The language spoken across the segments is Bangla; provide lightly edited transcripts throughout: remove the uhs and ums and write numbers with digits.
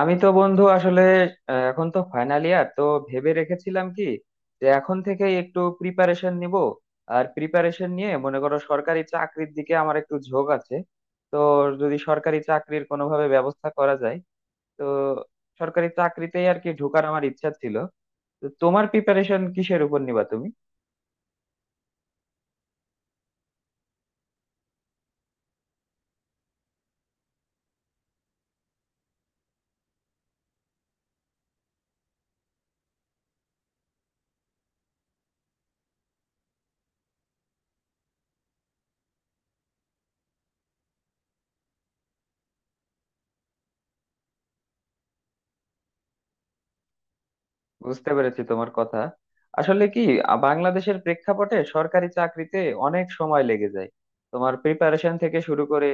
আমি তো বন্ধু আসলে এখন তো ফাইনাল ইয়ার তো, ভেবে রেখেছিলাম কি যে এখন থেকে একটু প্রিপারেশন নিব। আর প্রিপারেশন নিয়ে মনে করো, সরকারি চাকরির দিকে আমার একটু ঝোঁক আছে। তো যদি সরকারি চাকরির কোনোভাবে ব্যবস্থা করা যায়, তো সরকারি চাকরিতেই আর কি ঢোকার আমার ইচ্ছা ছিল। তো তোমার প্রিপারেশন কিসের উপর নিবা তুমি? বুঝতে পেরেছি তোমার কথা। আসলে কি, বাংলাদেশের প্রেক্ষাপটে সরকারি চাকরিতে অনেক সময় লেগে যায়। তোমার প্রিপারেশন থেকে শুরু করে,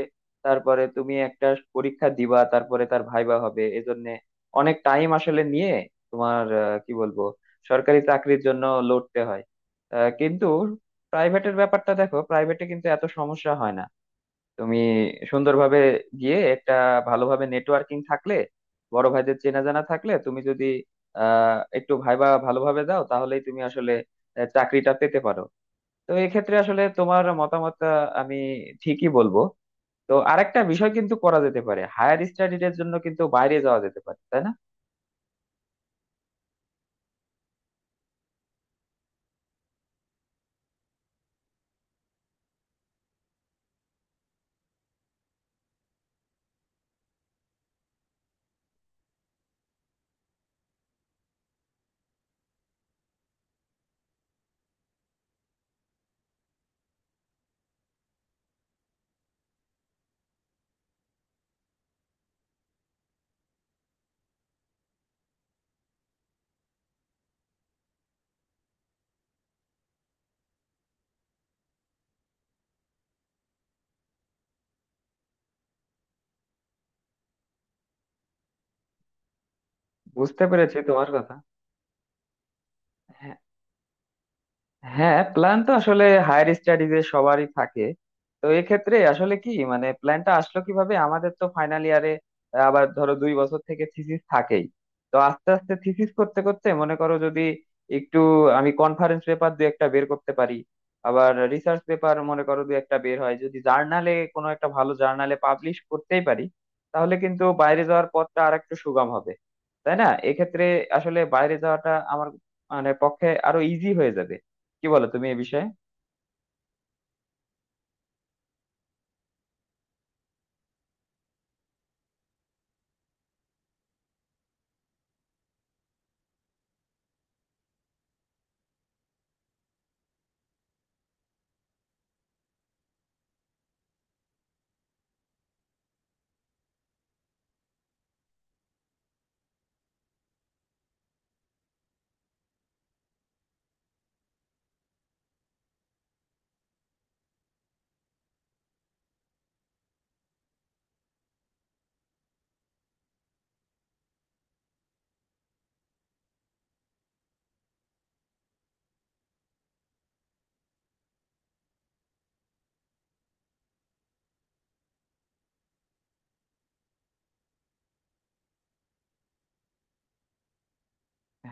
তারপরে তুমি একটা পরীক্ষা দিবা, তারপরে তার ভাইবা হবে, এজন্য অনেক টাইম আসলে নিয়ে তোমার কি বলবো, সরকারি চাকরির জন্য লড়তে হয়। কিন্তু প্রাইভেটের ব্যাপারটা দেখো, প্রাইভেটে কিন্তু এত সমস্যা হয় না। তুমি সুন্দরভাবে গিয়ে একটা ভালোভাবে নেটওয়ার্কিং থাকলে, বড় ভাইদের চেনা জানা থাকলে, তুমি যদি একটু ভাইবা ভালোভাবে দাও তাহলেই তুমি আসলে চাকরিটা পেতে পারো। তো এক্ষেত্রে আসলে তোমার মতামতটা আমি ঠিকই বলবো। তো আরেকটা বিষয় কিন্তু করা যেতে পারে, হায়ার স্টাডিজ এর জন্য কিন্তু বাইরে যাওয়া যেতে পারে, তাই না? বুঝতে পেরেছি তোমার কথা। হ্যাঁ, প্ল্যান তো আসলে হায়ার স্টাডিজ এ সবারই থাকে। তো এক্ষেত্রে আসলে কি মানে প্ল্যানটা আসলো কিভাবে, আমাদের তো ফাইনাল ইয়ারে, আবার ধরো 2 বছর থেকে থিসিস থাকেই। তো আস্তে আস্তে থিসিস করতে করতে মনে করো যদি একটু আমি কনফারেন্স পেপার দু একটা বের করতে পারি, আবার রিসার্চ পেপার মনে করো দু একটা বের হয় যদি জার্নালে, কোনো একটা ভালো জার্নালে পাবলিশ করতেই পারি, তাহলে কিন্তু বাইরে যাওয়ার পথটা আর একটু সুগম হবে, তাই না? এক্ষেত্রে আসলে বাইরে যাওয়াটা আমার মানে পক্ষে আরো ইজি হয়ে যাবে। কি বলো তুমি এ বিষয়ে?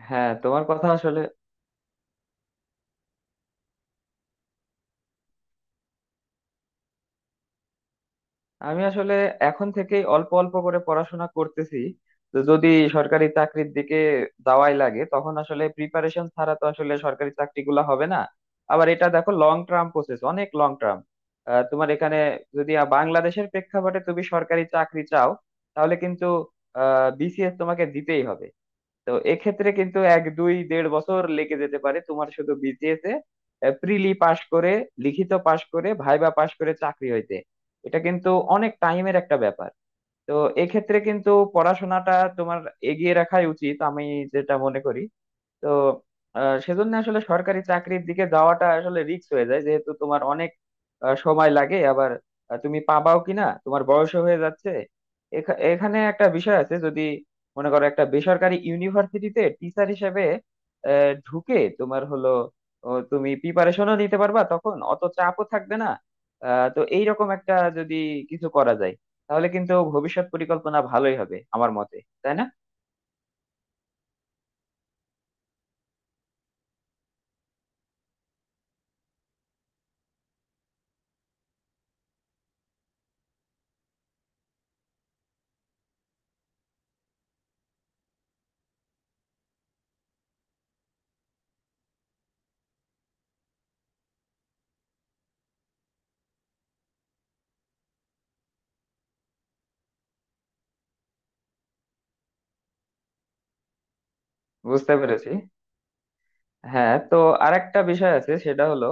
হ্যাঁ, তোমার কথা আসলে। আমি আসলে এখন থেকেই অল্প অল্প করে পড়াশোনা করতেছি। তো যদি সরকারি চাকরির দিকে যাওয়াই লাগে তখন আসলে প্রিপারেশন ছাড়া তো আসলে সরকারি চাকরিগুলো হবে না। আবার এটা দেখো লং টার্ম প্রসেস, অনেক লং টার্ম। তোমার এখানে যদি বাংলাদেশের প্রেক্ষাপটে তুমি সরকারি চাকরি চাও, তাহলে কিন্তু বিসিএস তোমাকে দিতেই হবে। তো এক্ষেত্রে কিন্তু এক দুই দেড় বছর লেগে যেতে পারে তোমার শুধু বিসিএস এ প্রিলি পাশ করে, লিখিত পাশ করে, ভাইবা পাশ করে চাকরি হইতে। এটা কিন্তু অনেক টাইমের একটা ব্যাপার। তো এক্ষেত্রে কিন্তু পড়াশোনাটা তোমার এগিয়ে রাখাই উচিত আমি যেটা মনে করি। তো সেজন্য আসলে সরকারি চাকরির দিকে যাওয়াটা আসলে রিস্ক হয়ে যায়, যেহেতু তোমার অনেক সময় লাগে, আবার তুমি পাবাও কিনা, তোমার বয়স হয়ে যাচ্ছে। এখানে একটা বিষয় আছে, যদি মনে করো একটা বেসরকারি ইউনিভার্সিটিতে টিচার হিসেবে ঢুকে তোমার হলো ও, তুমি প্রিপারেশনও নিতে পারবা, তখন অত চাপও থাকবে না। তো এইরকম একটা যদি কিছু করা যায়, তাহলে কিন্তু ভবিষ্যৎ পরিকল্পনা ভালোই হবে আমার মতে, তাই না? বুঝতে পেরেছি। হ্যাঁ, তো আরেকটা বিষয় আছে, সেটা হলো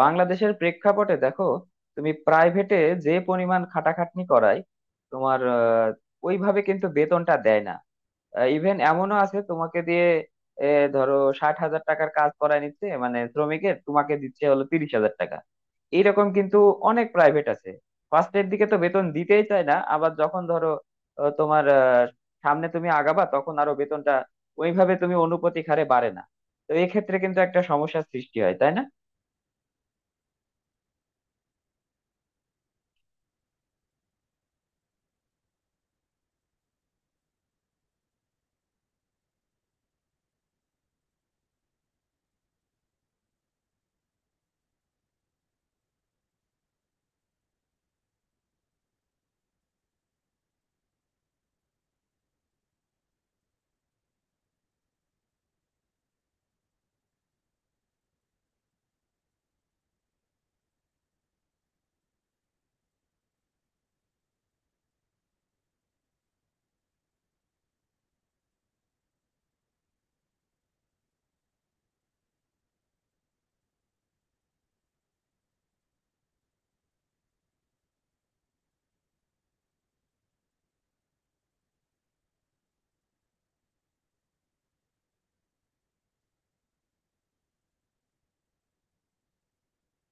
বাংলাদেশের প্রেক্ষাপটে দেখো তুমি প্রাইভেটে যে পরিমাণ খাটাখাটনি করায় তোমার, ওইভাবে কিন্তু বেতনটা দেয় না। ইভেন এমনও আছে তোমাকে দিয়ে এ, ধরো 60,000 টাকার কাজ করায় নিচ্ছে, মানে শ্রমিকের, তোমাকে দিচ্ছে হলো 30,000 টাকা। এইরকম কিন্তু অনেক প্রাইভেট আছে। ফার্স্টের দিকে তো বেতন দিতেই চায় না, আবার যখন ধরো তোমার সামনে তুমি আগাবা, তখন আরো বেতনটা ওইভাবে তুমি অনুপাতিক হারে বাড়ে না। তো এক্ষেত্রে কিন্তু একটা সমস্যার সৃষ্টি হয়, তাই না?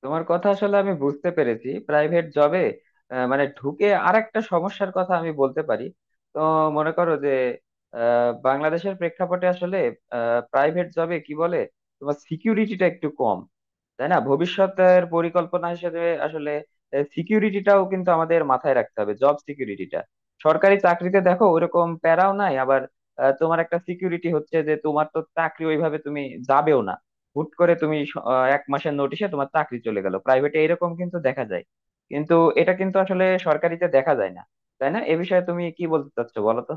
তোমার কথা আসলে আমি বুঝতে পেরেছি। প্রাইভেট জবে মানে ঢুকে আরেকটা সমস্যার কথা আমি বলতে পারি। তো মনে করো যে বাংলাদেশের প্রেক্ষাপটে আসলে প্রাইভেট জবে কি বলে, তোমার সিকিউরিটিটা একটু কম, তাই না? ভবিষ্যতের পরিকল্পনা হিসেবে আসলে সিকিউরিটিটাও কিন্তু আমাদের মাথায় রাখতে হবে, জব সিকিউরিটিটা। সরকারি চাকরিতে দেখো ওরকম প্যারাও নাই, আবার তোমার একটা সিকিউরিটি হচ্ছে যে তোমার তো চাকরি ওইভাবে তুমি যাবেও না। হুট করে তুমি 1 মাসের নোটিশে তোমার চাকরি চলে গেল, প্রাইভেটে এরকম কিন্তু দেখা যায়, কিন্তু এটা কিন্তু আসলে সরকারিতে দেখা যায় না, তাই না? এ বিষয়ে তুমি কি বলতে চাচ্ছো বলো তো।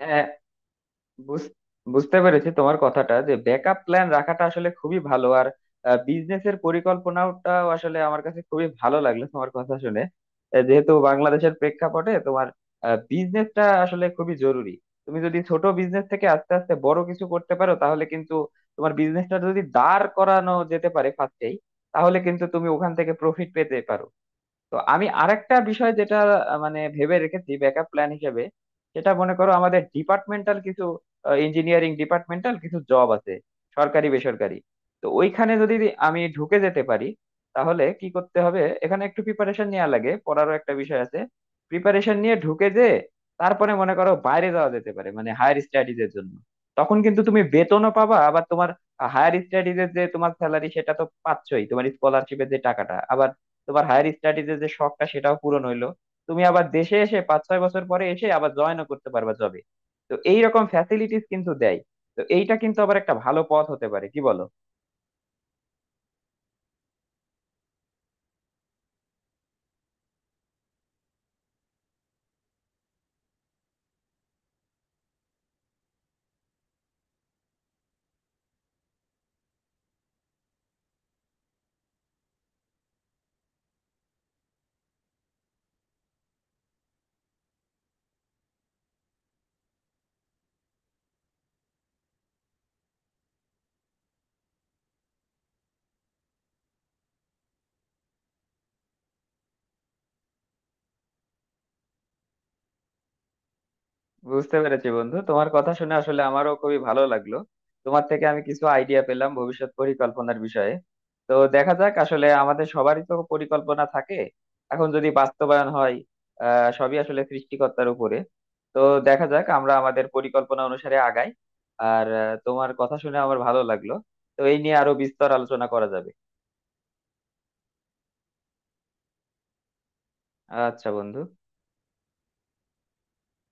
হ্যাঁ, বুঝ- বুঝতে পেরেছি তোমার কথাটা যে ব্যাকআপ প্ল্যান রাখাটা আসলে খুবই ভালো, আর বিজনেসের পরিকল্পনাটাও আসলে আমার কাছে খুবই ভালো লাগলো তোমার কথা শুনে। যেহেতু বাংলাদেশের প্রেক্ষাপটে তোমার বিজনেসটা আসলে খুবই জরুরি, তুমি যদি ছোট বিজনেস থেকে আস্তে আস্তে বড় কিছু করতে পারো, তাহলে কিন্তু তোমার বিজনেসটা যদি দাঁড় করানো যেতে পারে ফার্স্টেই, তাহলে কিন্তু তুমি ওখান থেকে প্রফিট পেতে পারো। তো আমি আরেকটা বিষয় যেটা মানে ভেবে রেখেছি ব্যাকআপ প্ল্যান হিসেবে, সেটা মনে করো আমাদের ডিপার্টমেন্টাল কিছু, ইঞ্জিনিয়ারিং ডিপার্টমেন্টাল কিছু জব আছে সরকারি বেসরকারি। তো ওইখানে যদি আমি ঢুকে যেতে পারি, তাহলে কি করতে হবে, এখানে একটু প্রিপারেশন নেওয়া লাগে, পড়ারও একটা বিষয় আছে। প্রিপারেশন নিয়ে ঢুকে যে তারপরে মনে করো বাইরে যাওয়া যেতে পারে, মানে হায়ার স্টাডিজ এর জন্য। তখন কিন্তু তুমি বেতনও পাবা, আবার তোমার হায়ার স্টাডিজ এর যে তোমার স্যালারি, সেটা তো পাচ্ছই তোমার স্কলারশিপের যে টাকাটা, আবার তোমার হায়ার স্টাডিজের যে শখটা সেটাও পূরণ হইলো। তুমি আবার দেশে এসে 5-6 বছর পরে এসে আবার জয়েনও করতে পারবা জবে। তো এইরকম ফ্যাসিলিটিস কিন্তু দেয়। তো এইটা কিন্তু আবার একটা ভালো পথ হতে পারে, কি বলো? বুঝতে পেরেছি বন্ধু, তোমার কথা শুনে আসলে আমারও খুবই ভালো লাগলো। তোমার থেকে আমি কিছু আইডিয়া পেলাম ভবিষ্যৎ পরিকল্পনার বিষয়ে। তো দেখা যাক, আসলে আমাদের সবারই তো পরিকল্পনা থাকে, এখন যদি বাস্তবায়ন হয়। আহ, সবই আসলে সৃষ্টিকর্তার উপরে। তো দেখা যাক আমরা আমাদের পরিকল্পনা অনুসারে আগাই। আর তোমার কথা শুনে আমার ভালো লাগলো। তো এই নিয়ে আরো বিস্তর আলোচনা করা যাবে। আচ্ছা বন্ধু।